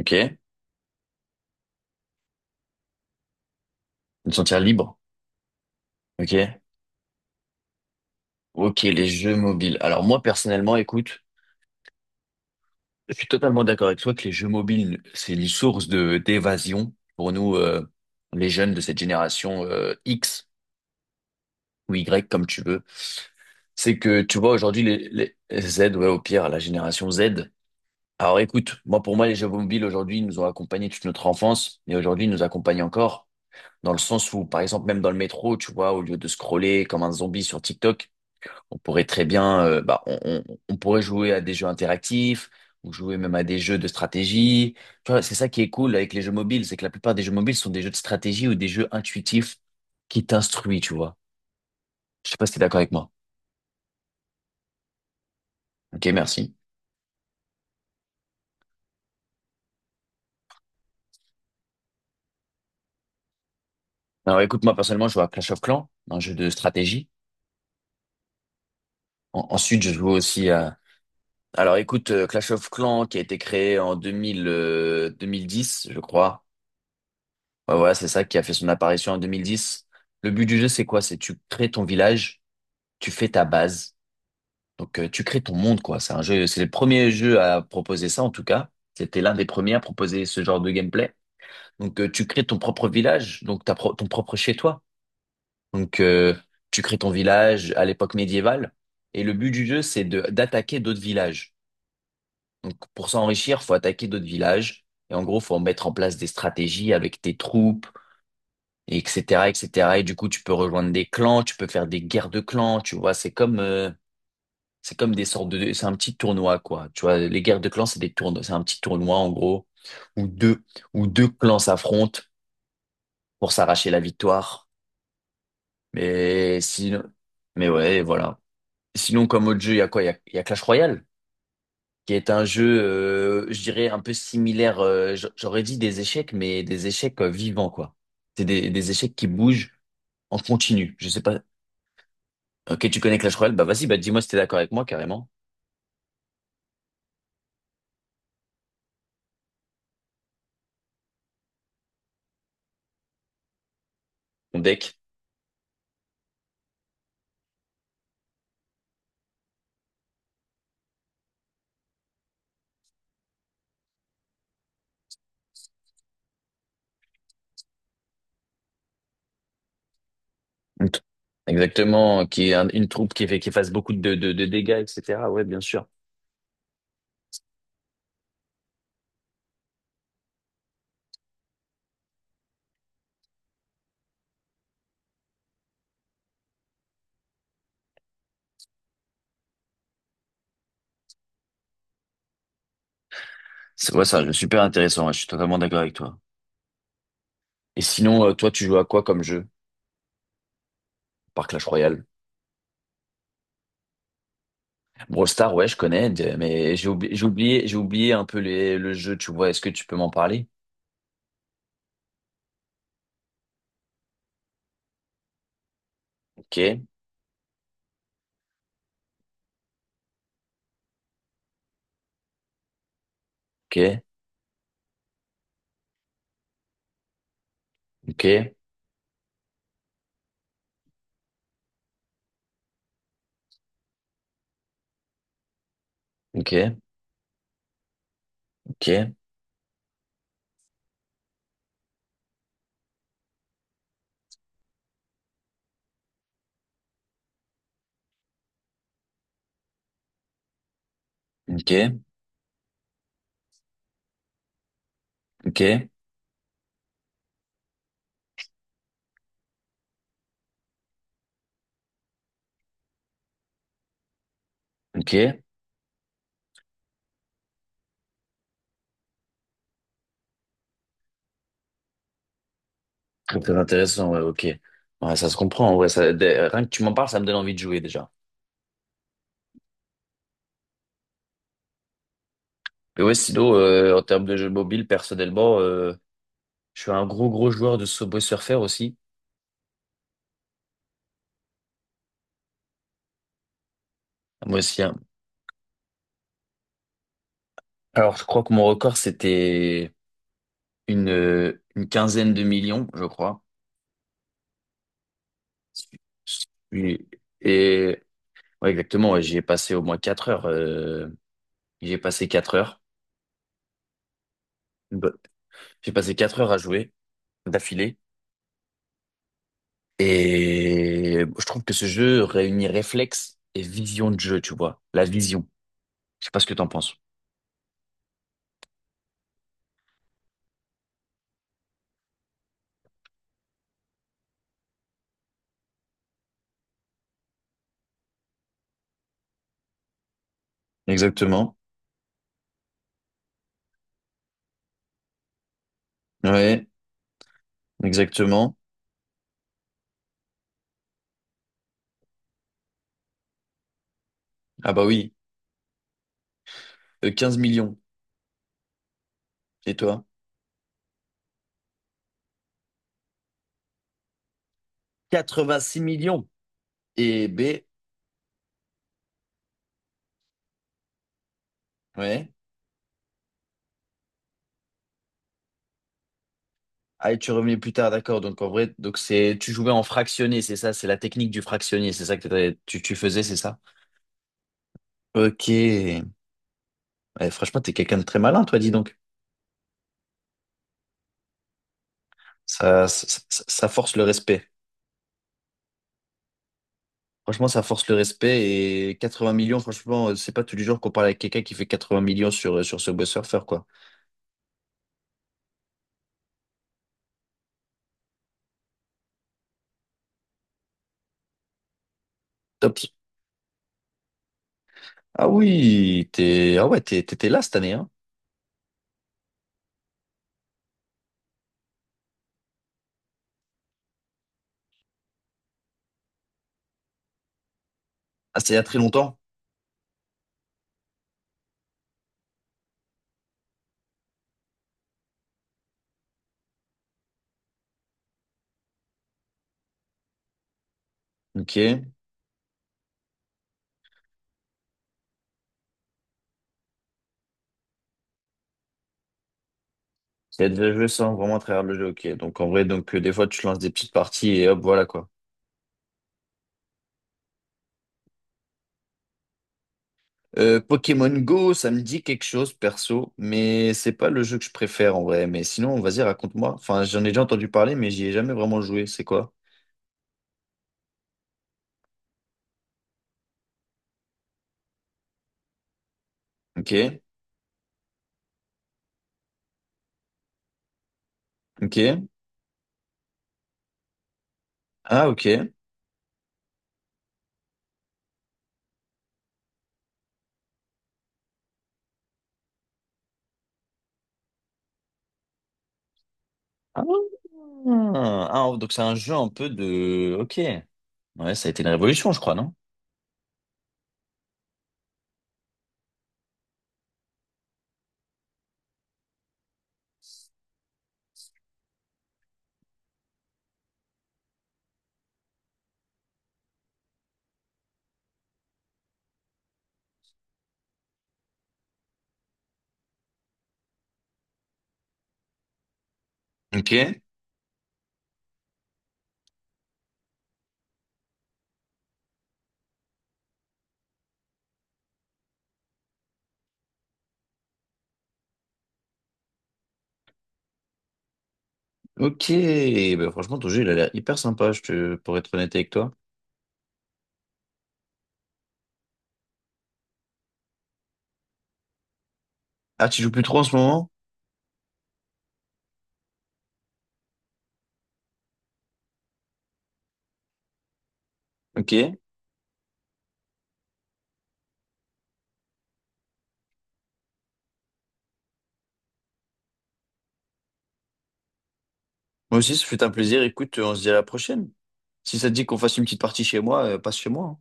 Ok. De te sentir libre. Ok. Ok, les jeux mobiles. Alors moi, personnellement, écoute, je suis totalement d'accord avec toi que les jeux mobiles, c'est une source de d'évasion pour nous, les jeunes de cette génération X ou Y, comme tu veux. C'est que, tu vois, aujourd'hui, les Z, ouais, au pire, la génération Z. Alors écoute, moi, pour moi, les jeux mobiles, aujourd'hui, ils nous ont accompagnés toute notre enfance et aujourd'hui, ils nous accompagnent encore. Dans le sens où, par exemple, même dans le métro, tu vois, au lieu de scroller comme un zombie sur TikTok, on pourrait très bien, bah, on pourrait jouer à des jeux interactifs ou jouer même à des jeux de stratégie. Tu vois, c'est ça qui est cool avec les jeux mobiles, c'est que la plupart des jeux mobiles sont des jeux de stratégie ou des jeux intuitifs qui t'instruisent, tu vois. Je sais pas si t'es d'accord avec moi. Ok, merci. Alors écoute, moi personnellement, je joue à Clash of Clans, un jeu de stratégie. Ensuite, je joue aussi à… Alors écoute, Clash of Clans qui a été créé en 2000, 2010, je crois. Ouais, voilà, c'est ça qui a fait son apparition en 2010. Le but du jeu, c'est quoi? C'est tu crées ton village. Tu fais ta base. Donc, tu crées ton monde, quoi. C'est un jeu, c'est le premier jeu à proposer ça, en tout cas. C'était l'un des premiers à proposer ce genre de gameplay. Donc, tu crées ton propre village, donc ton propre chez toi. Donc, tu crées ton village à l'époque médiévale. Et le but du jeu, c'est de d'attaquer d'autres villages. Donc, pour s'enrichir, faut attaquer d'autres villages. Et en gros, faut mettre en place des stratégies avec tes troupes, et etc., etc. Et du coup, tu peux rejoindre des clans, tu peux faire des guerres de clans. Tu vois, c'est comme des sortes de, c'est un petit tournoi, quoi. Tu vois, les guerres de clans, c'est des tournois, c'est un petit tournoi, en gros, où deux, où deux clans s'affrontent pour s'arracher la victoire. Mais sinon, mais ouais, voilà. Sinon, comme autre jeu, il y a quoi? Il y a Clash Royale, qui est un jeu, je dirais, un peu similaire, j'aurais dit des échecs, mais des échecs vivants, quoi. C'est des échecs qui bougent en continu. Je sais pas. Ok, tu connais Clash Royale? Bah, vas-y, bah, dis-moi si t'es d'accord avec moi, carrément. Mon deck. Une tou- Exactement, une troupe qui qui fasse beaucoup de dégâts, etc. Ouais, bien sûr. C'est ouais, ça, super intéressant, ouais, je suis totalement d'accord avec toi. Et sinon, toi, tu joues à quoi comme jeu? Par Clash Royale? Brawl Stars, ouais, je connais, mais j'ai oublié un peu le jeu, tu vois, est-ce que tu peux m'en parler? Ok, ok, ok, ok, ok, ok, ok, ok. Très, très intéressant, ouais, ok. Ouais, ça se comprend, ouais, rien que tu m'en parles, ça me donne envie de jouer déjà. Mais ouais, sinon, en termes de jeux mobile, personnellement, je suis un gros gros joueur de Subway Surfer aussi. Moi aussi, hein. Alors, je crois que mon record, c'était une quinzaine de millions, je crois. Oui. Et ouais, exactement, ouais, j'y ai passé au moins quatre heures. J'y ai passé 4 heures. Bah, j'ai passé 4 heures à jouer d'affilée. Et je trouve que ce jeu réunit réflexe et vision de jeu, tu vois. La vision. Je sais pas ce que t'en penses. Exactement. Ouais, exactement. Ah bah oui, 15 millions. Et toi? 86 millions. Et B, ouais. Ah, et tu revenais plus tard, d'accord. Donc en vrai, donc c'est tu jouais en fractionné, c'est ça, c'est la technique du fractionné, c'est ça que tu faisais, c'est ça? Ok. Ouais, franchement, t'es quelqu'un de très malin, toi, dis donc. Ça force le respect. Franchement, ça force le respect et 80 millions, franchement, c'est pas tous les jours qu'on parle avec quelqu'un qui fait 80 millions sur ce beau surfer quoi. Top. Ah oui, ah ouais, t'étais là cette année, hein. Ah, c'est il y a très longtemps. Ok. Il a déjà joué sans vraiment à travers le jeu, ok. Donc en vrai, donc des fois, tu lances des petites parties et hop, voilà, quoi. Pokémon Go, ça me dit quelque chose, perso, mais c'est pas le jeu que je préfère en vrai. Mais sinon, vas-y, raconte-moi. Enfin, j'en ai déjà entendu parler, mais j'y ai jamais vraiment joué. C'est quoi? Ok. Ok. Ah, ok. Ah, ah, ah, donc c'est un jeu un peu de… Ok. Ouais, ça a été une révolution, je crois, non? Ok. Ok. Bah, franchement, ton jeu, il a l'air hyper sympa, je te… pour être honnête avec toi. Ah, tu joues plus trop en ce moment? Ok. Moi aussi, ça fut un plaisir. Écoute, on se dit à la prochaine. Si ça te dit qu'on fasse une petite partie chez moi, passe chez moi, hein.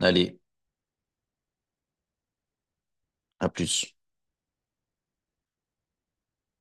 Allez, à plus.